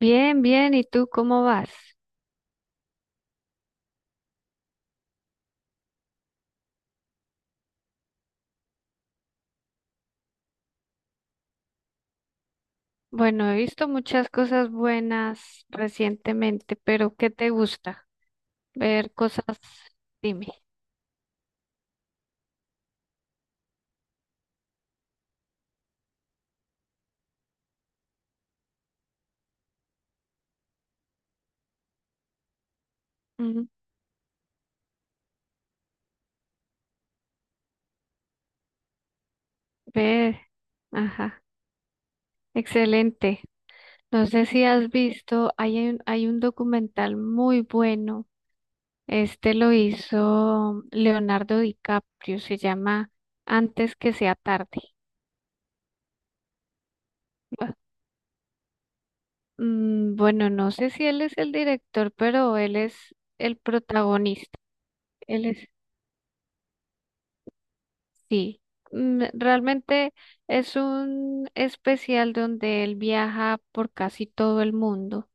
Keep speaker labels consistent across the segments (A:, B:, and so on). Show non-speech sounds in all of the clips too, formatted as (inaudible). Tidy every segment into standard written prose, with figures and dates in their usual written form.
A: Bien, bien, ¿y tú cómo vas? Bueno, he visto muchas cosas buenas recientemente, pero ¿qué te gusta? Ver cosas, dime. Ujú. Ver, ajá, excelente. No sé si has visto, hay hay un documental muy bueno. Este lo hizo Leonardo DiCaprio, se llama Antes que sea tarde. Bu- Bueno, no sé si él es el director, pero él es el protagonista. Él es sí, realmente es un especial donde él viaja por casi todo el mundo,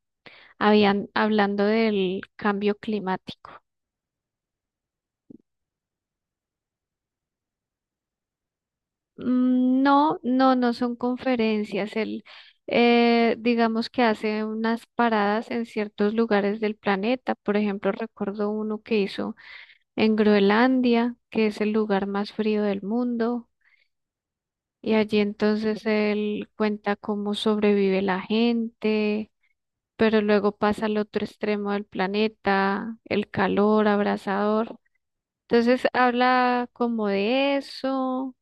A: habían, hablando del cambio climático. No, no, no son conferencias. Él, digamos que hace unas paradas en ciertos lugares del planeta. Por ejemplo, recuerdo uno que hizo en Groenlandia, que es el lugar más frío del mundo. Y allí entonces él cuenta cómo sobrevive la gente, pero luego pasa al otro extremo del planeta, el calor abrasador. Entonces habla como de eso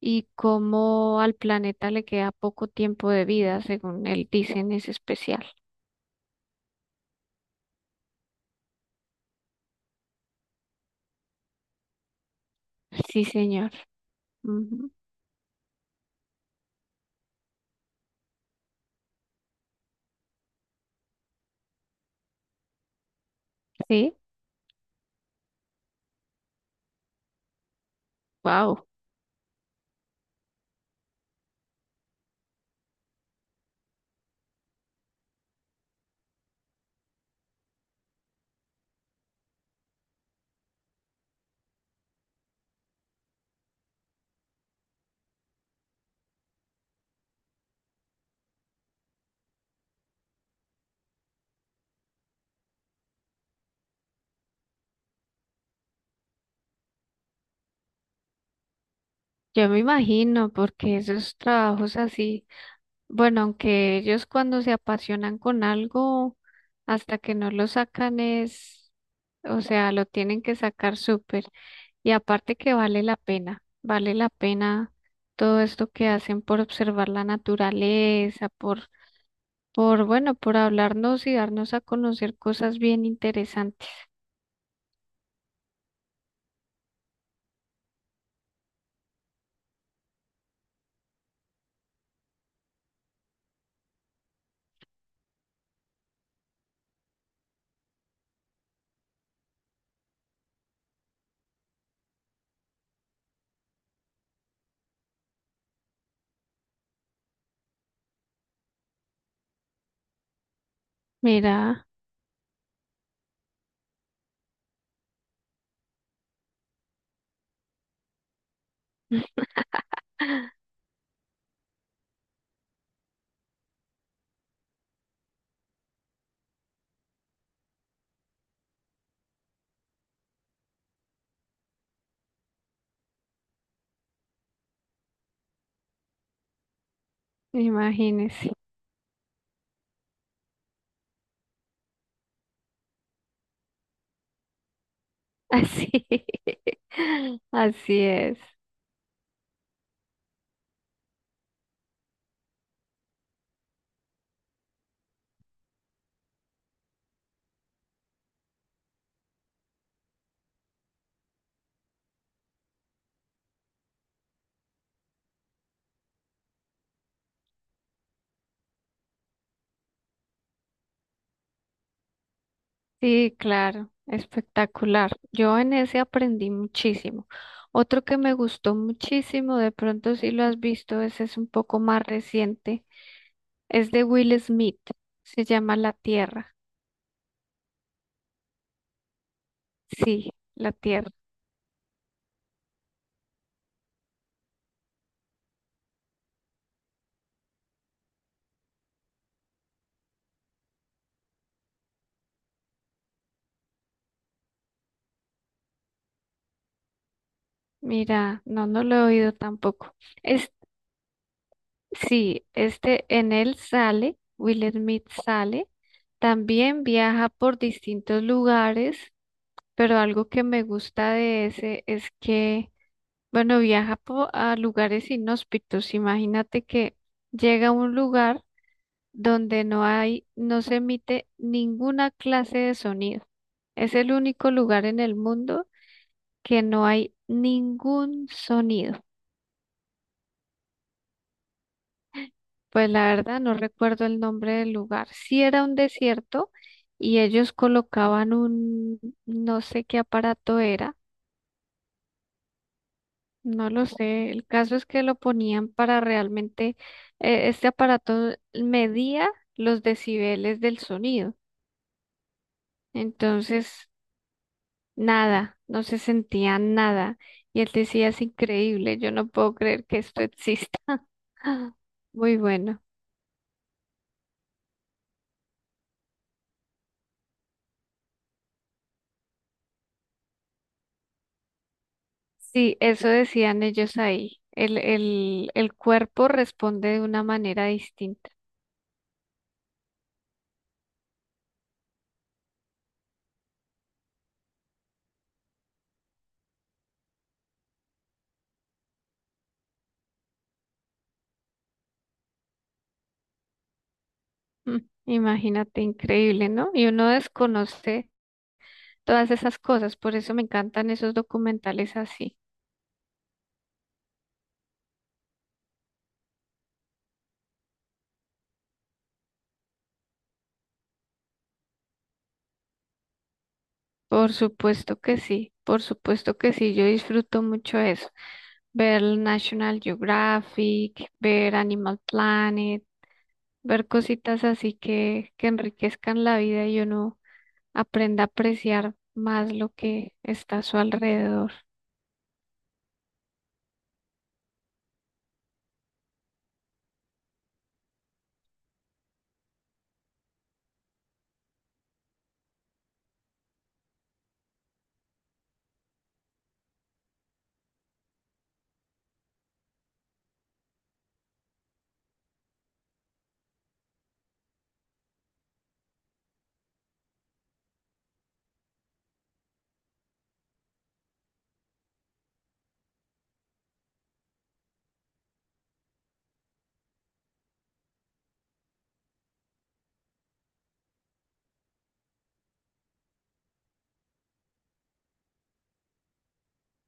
A: y cómo al planeta le queda poco tiempo de vida, según él dice en ese especial. Sí, señor. Ujú. Sí, wow. Yo me imagino, porque esos trabajos así, bueno, aunque ellos cuando se apasionan con algo, hasta que no lo sacan es, o sea, lo tienen que sacar súper. Y aparte que vale la pena todo esto que hacen por observar la naturaleza, por, bueno, por hablarnos y darnos a conocer cosas bien interesantes. Mira, imagínese. (laughs) Así, así es. Sí, claro, espectacular. Yo en ese aprendí muchísimo. Otro que me gustó muchísimo, de pronto si lo has visto, ese es un poco más reciente, es de Will Smith, se llama La Tierra. Sí, la Tierra. Mira, no, no lo he oído tampoco. Es, sí, este en él sale, Will Smith sale, también viaja por distintos lugares, pero algo que me gusta de ese es que, bueno, viaja a lugares inhóspitos. Imagínate que llega a un lugar donde no hay, no se emite ninguna clase de sonido. Es el único lugar en el mundo que no hay ningún sonido. Pues la verdad no recuerdo el nombre del lugar. Sí era un desierto y ellos colocaban un, no sé qué aparato era, no lo sé. El caso es que lo ponían para realmente, este aparato medía los decibeles del sonido. Entonces, nada, no se sentía nada. Y él decía, es increíble, yo no puedo creer que esto exista. (laughs) (gasps) Muy bueno. Sí, eso decían ellos ahí. El cuerpo responde de una manera distinta. Mm, Imagínate, increíble, ¿no? Y uno desconoce todas esas cosas, por eso me encantan esos documentales así. Por supuesto que sí, por supuesto que sí, yo disfruto mucho eso. Ver el National Geographic, ver Animal Planet, ver cositas así que enriquezcan la vida y uno aprenda a apreciar más lo que está a su alrededor.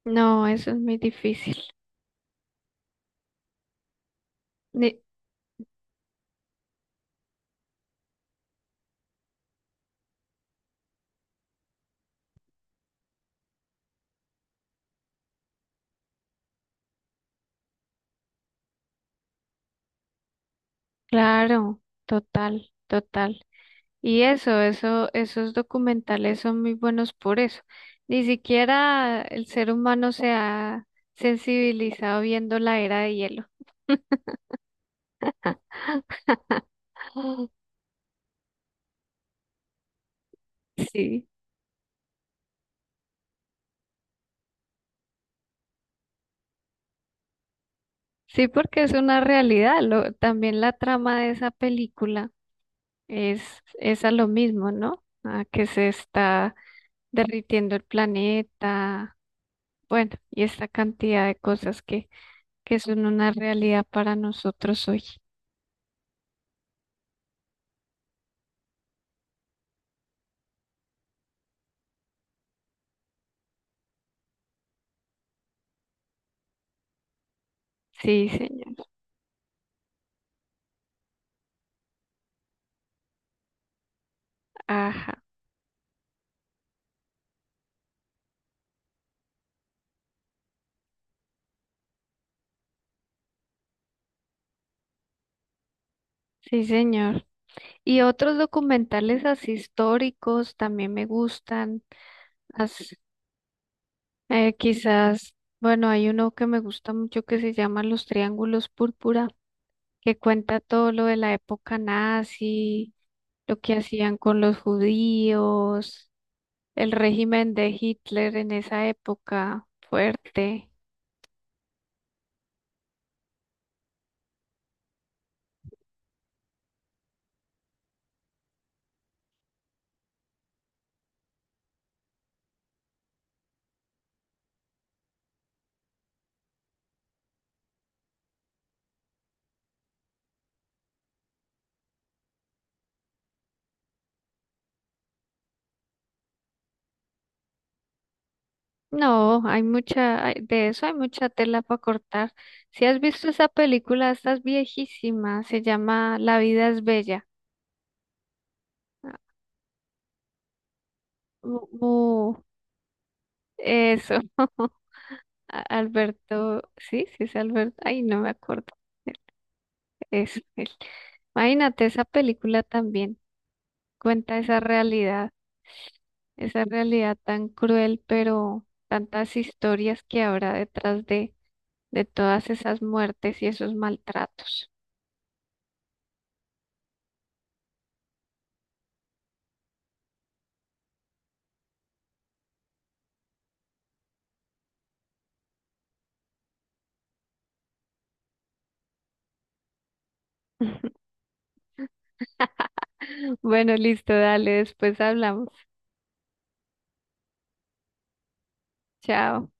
A: No, eso es muy difícil. Ni- claro, total, total. Y esos documentales son muy buenos por eso. Ni siquiera el ser humano se ha sensibilizado viendo la era de hielo. (laughs) Sí, sí, porque es una realidad. Lo, también la trama de esa película es, es a lo mismo, ¿no? A que se está derritiendo el planeta, bueno, y esta cantidad de cosas que son una realidad para nosotros hoy. Sí, señor. Ajá, sí, señor. Y otros documentales así históricos también me gustan. Las, quizás, bueno, hay uno que me gusta mucho que se llama Los Triángulos Púrpura, que cuenta todo lo de la época nazi, lo que hacían con los judíos el régimen de Hitler en esa época fuerte. No, hay mucha, hay- de eso hay mucha tela para cortar. Si has visto esa película, esta es viejísima, se llama La vida es bella. Ah, mu- mu- eso. (laughs) Alberto, sí, sí es Alberto, ay, no me acuerdo. Eso, él. Imagínate esa película también, cuenta esa realidad tan cruel, pero tantas historias que habrá detrás de todas esas muertes y esos maltratos. (laughs) Bueno, listo, dale, después hablamos. Chao.